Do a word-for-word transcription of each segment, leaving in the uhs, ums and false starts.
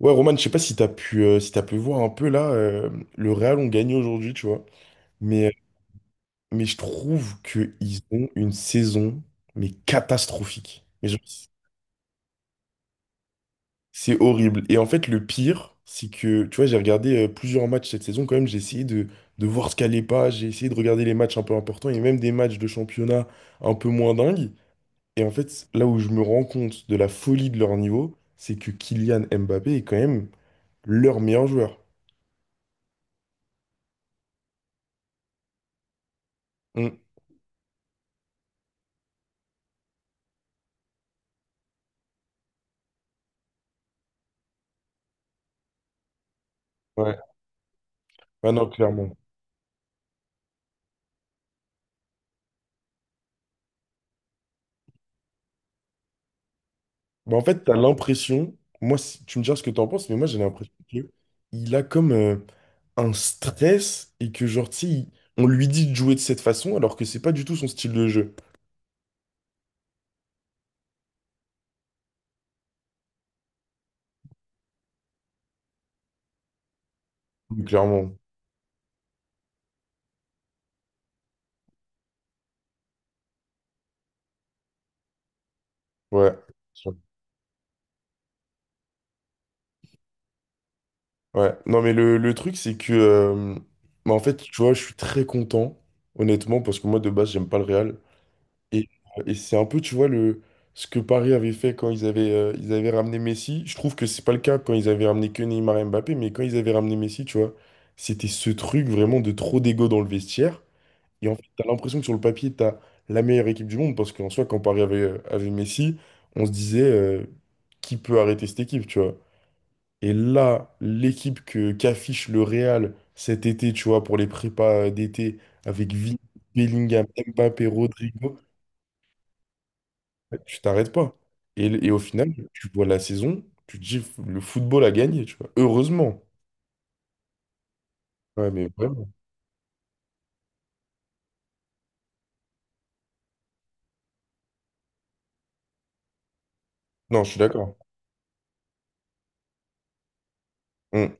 Ouais, Roman, je sais pas si t'as pu, euh, si t'as pu voir un peu là, euh, le Real ont gagné aujourd'hui, tu vois. Mais, euh, mais je trouve qu'ils ont une saison, mais catastrophique. Mais genre, c'est horrible. Et en fait, le pire, c'est que, tu vois, j'ai regardé euh, plusieurs matchs cette saison quand même. J'ai essayé de, de voir ce qu'allait pas. J'ai essayé de regarder les matchs un peu importants et même des matchs de championnat un peu moins dingues. Et en fait, là où je me rends compte de la folie de leur niveau, c'est que Kylian Mbappé est quand même leur meilleur joueur. Mm. Ouais. Ah non, clairement. Bah en fait, tu as l'impression, moi, si- tu me diras ce que tu en penses, mais moi, j'ai l'impression que il a comme euh, un stress et que, genre, tu sais, il- on lui dit de jouer de cette façon alors que c'est pas du tout son style de jeu. Donc, clairement. Ouais. Ouais. Non, mais le, le truc, c'est que, euh, bah, en fait, tu vois, je suis très content, honnêtement, parce que moi, de base, j'aime pas le Real. Et, et c'est un peu, tu vois, le, ce que Paris avait fait quand ils avaient, euh, ils avaient ramené Messi. Je trouve que c'est pas le cas quand ils avaient ramené que Neymar et Mbappé, mais quand ils avaient ramené Messi, tu vois, c'était ce truc vraiment de trop d'ego dans le vestiaire. Et en fait, t'as l'impression que sur le papier, t'as la meilleure équipe du monde, parce qu'en soi, quand Paris avait, euh, avait Messi, on se disait, euh, qui peut arrêter cette équipe, tu vois. Et là, l'équipe que qu'affiche le Real cet été, tu vois, pour les prépas euh, d'été, avec Vini, Bellingham, Mbappé, Rodrigo, bah, tu t'arrêtes pas. Et, et au final, tu vois la saison, tu te dis le football a gagné, tu vois. Heureusement. Ouais, mais vraiment. Non, je suis d'accord. Mm.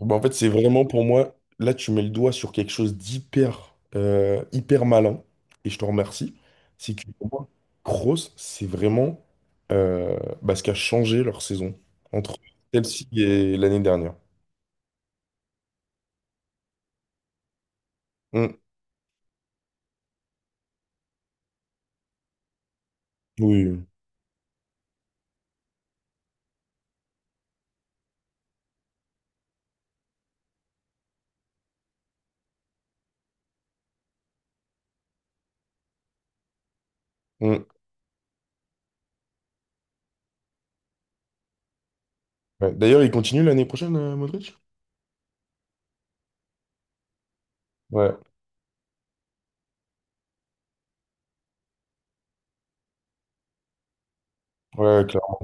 Bah, en fait, c'est vraiment pour moi, là, tu mets le doigt sur quelque chose d'hyper euh, hyper malin, et je te remercie. C'est que pour moi, Kroos, c'est vraiment euh, bah, ce qui a changé leur saison entre celle-ci et l'année dernière. Mm. Oui. Mm. Ouais. D'ailleurs, il continue l'année prochaine, euh, Modric? Ouais, ouais, clairement.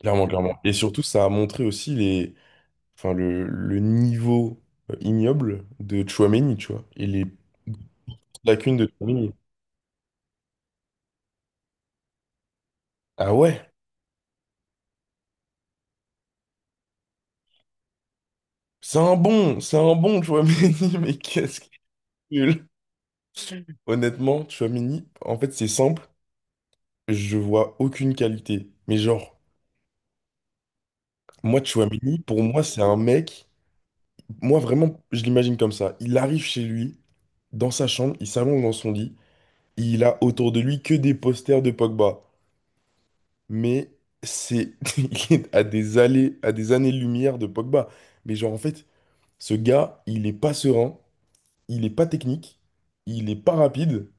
Clairement, clairement. Et surtout, ça a montré aussi les, enfin, le, le niveau euh, ignoble de Chouameni, tu vois, et les lacunes de Chouameni. Ah ouais, c'est un bon, c'est un bon Chouameni, mais qu'est-ce qu'il est nul. Honnêtement, Chouameni, en fait, c'est simple, je vois aucune qualité. Mais genre, moi, Chouameni, pour moi, c'est un mec, moi, vraiment, je l'imagine comme ça. Il arrive chez lui, dans sa chambre, il s'allonge dans son lit, et il a autour de lui que des posters de Pogba, mais c'est, il est à des allées, à des années-lumière de Pogba. Mais genre, en fait, ce gars, il est pas serein, il est pas technique, il est pas rapide,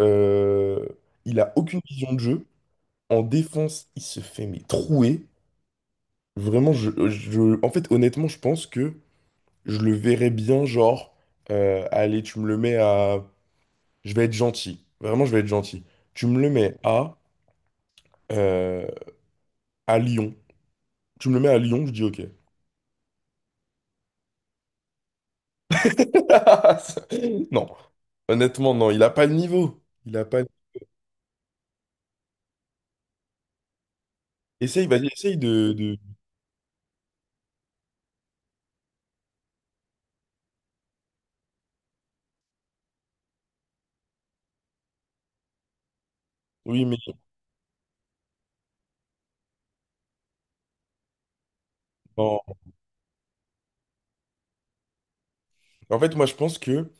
euh, il a aucune vision de jeu. En défense, il se fait mais trouer. Vraiment, je, je- en fait, honnêtement, je pense que je le verrais bien, genre, euh, allez, tu me le mets à, je vais être gentil. Vraiment, je vais être gentil. Tu me le mets à, euh, à Lyon. Tu me le mets à Lyon, je dis ok. Non, honnêtement, non, il a pas le niveau. Il a pas. Essaye, vas-y, essaye de, de- Oui, mais non. En fait, moi, je pense que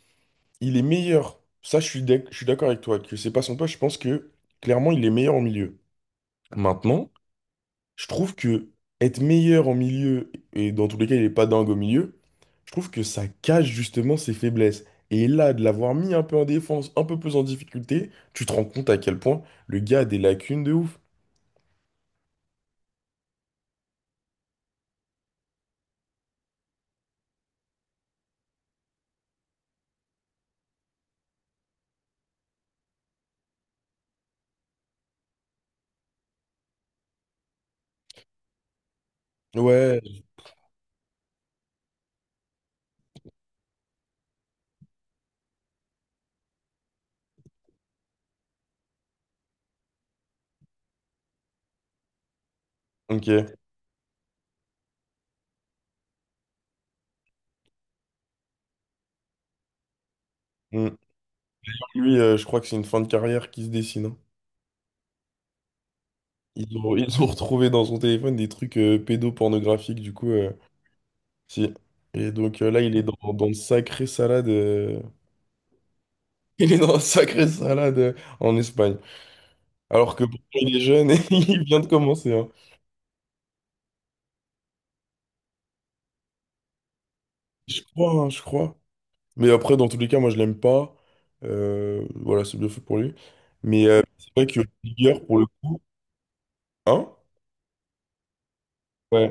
il est meilleur. Ça, je suis d'ac- je suis d'accord avec toi que c'est pas son poste. Je pense que clairement, il est meilleur au milieu. Maintenant, je trouve que être meilleur en milieu et dans tous les cas, il est pas dingue au milieu. Je trouve que ça cache justement ses faiblesses. Et là, de l'avoir mis un peu en défense, un peu plus en difficulté, tu te rends compte à quel point le gars a des lacunes de ouf. Ouais. Ok. Hmm. Lui, euh, je crois que c'est une fin de carrière qui se dessine, hein. Ils ont, ils ont retrouvé dans son téléphone des trucs euh, pédopornographiques, du coup, euh, si. Et donc euh, là, il est dans, dans une sacrée salade, euh. Il est dans une sacrée salade euh, en Espagne. Alors que pourtant, il est jeune et il vient de commencer, hein. Je crois, hein, je crois. Mais après, dans tous les cas, moi, je l'aime pas. Euh, voilà, c'est bien fait pour lui. Mais euh, c'est vrai que Rigueur, pour le coup. Hein? Ouais.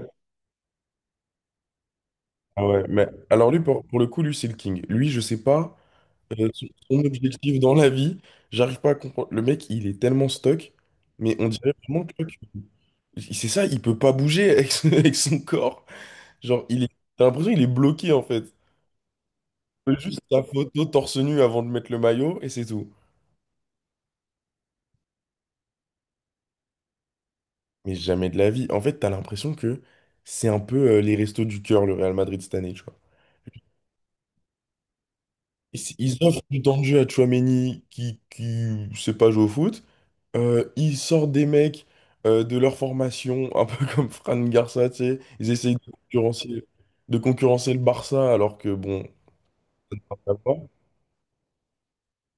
Ah ouais. Mais alors lui, pour, pour le coup, lui, c'est le king. Lui, je sais pas. euh, son son objectif dans la vie. J'arrive pas à comprendre. Le mec, il est tellement stuck, mais on dirait vraiment que que- c'est ça, il peut pas bouger avec son, avec son corps. Genre, il est... t'as l'impression qu'il est bloqué en fait. Il fait juste sa photo torse nu avant de mettre le maillot et c'est tout. Mais jamais de la vie. En fait, t'as l'impression que c'est un peu euh, les restos du cœur, le Real Madrid cette année, tu vois. Ils ils offrent du temps de jeu à Tchouaméni qui, qui sait pas jouer au foot. Euh, ils sortent des mecs euh, de leur formation, un peu comme Fran Garcia, tu sais. Ils essayent de concurrencer, de concurrencer le Barça, alors que bon, ça va pas.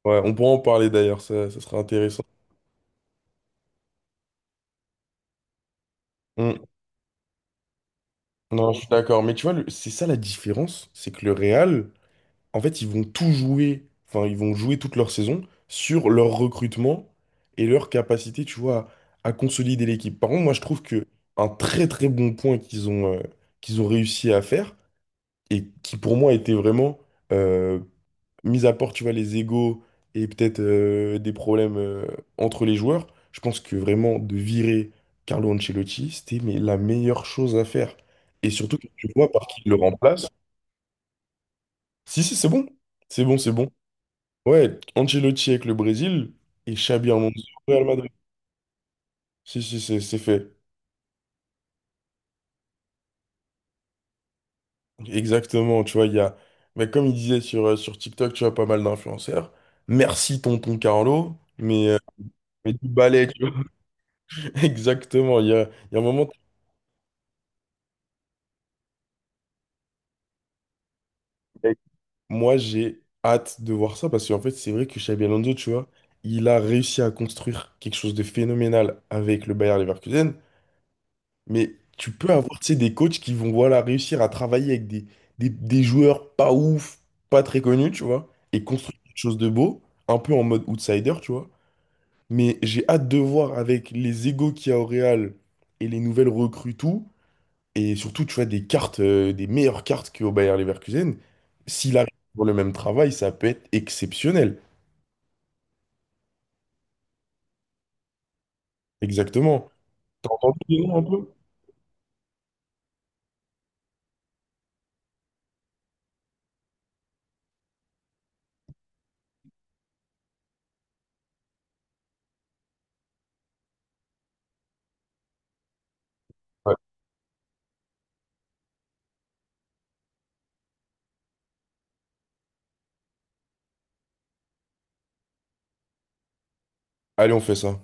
Ouais, on pourra en parler d'ailleurs, ça, ça sera intéressant. Mm. Non, je suis d'accord. Mais tu vois, le- c'est ça la différence, c'est que le Real, en fait, ils vont tout jouer, enfin, ils vont jouer toute leur saison sur leur recrutement et leur capacité, tu vois, à, à consolider l'équipe. Par contre, moi, je trouve que un très très bon point qu'ils ont, euh, qu'ils ont réussi à faire, et qui pour moi était vraiment, euh, mis à part, tu vois, les égos et peut-être euh, des problèmes euh, entre les joueurs, je pense que vraiment de virer Carlo Ancelotti, c'était mais, la meilleure chose à faire. Et surtout que tu vois par qui il le remplace. Si, si, c'est bon. C'est bon, c'est bon. Ouais, Ancelotti avec le Brésil et Xabi Alonso au Real Madrid. Si, si, c'est c'est fait. Exactement, tu vois, il y a, mais comme il disait sur, euh, sur TikTok, tu vois, pas mal d'influenceurs. Merci tonton Carlo, mais Mais du ballet, tu vois. Exactement. Il y a, il y a un moment. Moi, j'ai hâte de voir ça parce qu'en fait, c'est vrai que Xabi Alonso, tu vois, il a réussi à construire quelque chose de phénoménal avec le Bayer Leverkusen. Mais tu peux avoir, tu sais, des coachs qui vont, voilà, réussir à travailler avec des, des, des joueurs pas ouf, pas très connus, tu vois, et construire quelque chose de beau, un peu en mode outsider, tu vois. Mais j'ai hâte de voir avec les égos qu'il y a au Real et les nouvelles recrues, tout. Et surtout, tu vois, des cartes, euh, des meilleures cartes qu'au Bayer Leverkusen. S'il arrive pour le même travail, ça peut être exceptionnel. Exactement. T'as entendu les noms un peu? Ouais. Allez, on fait ça.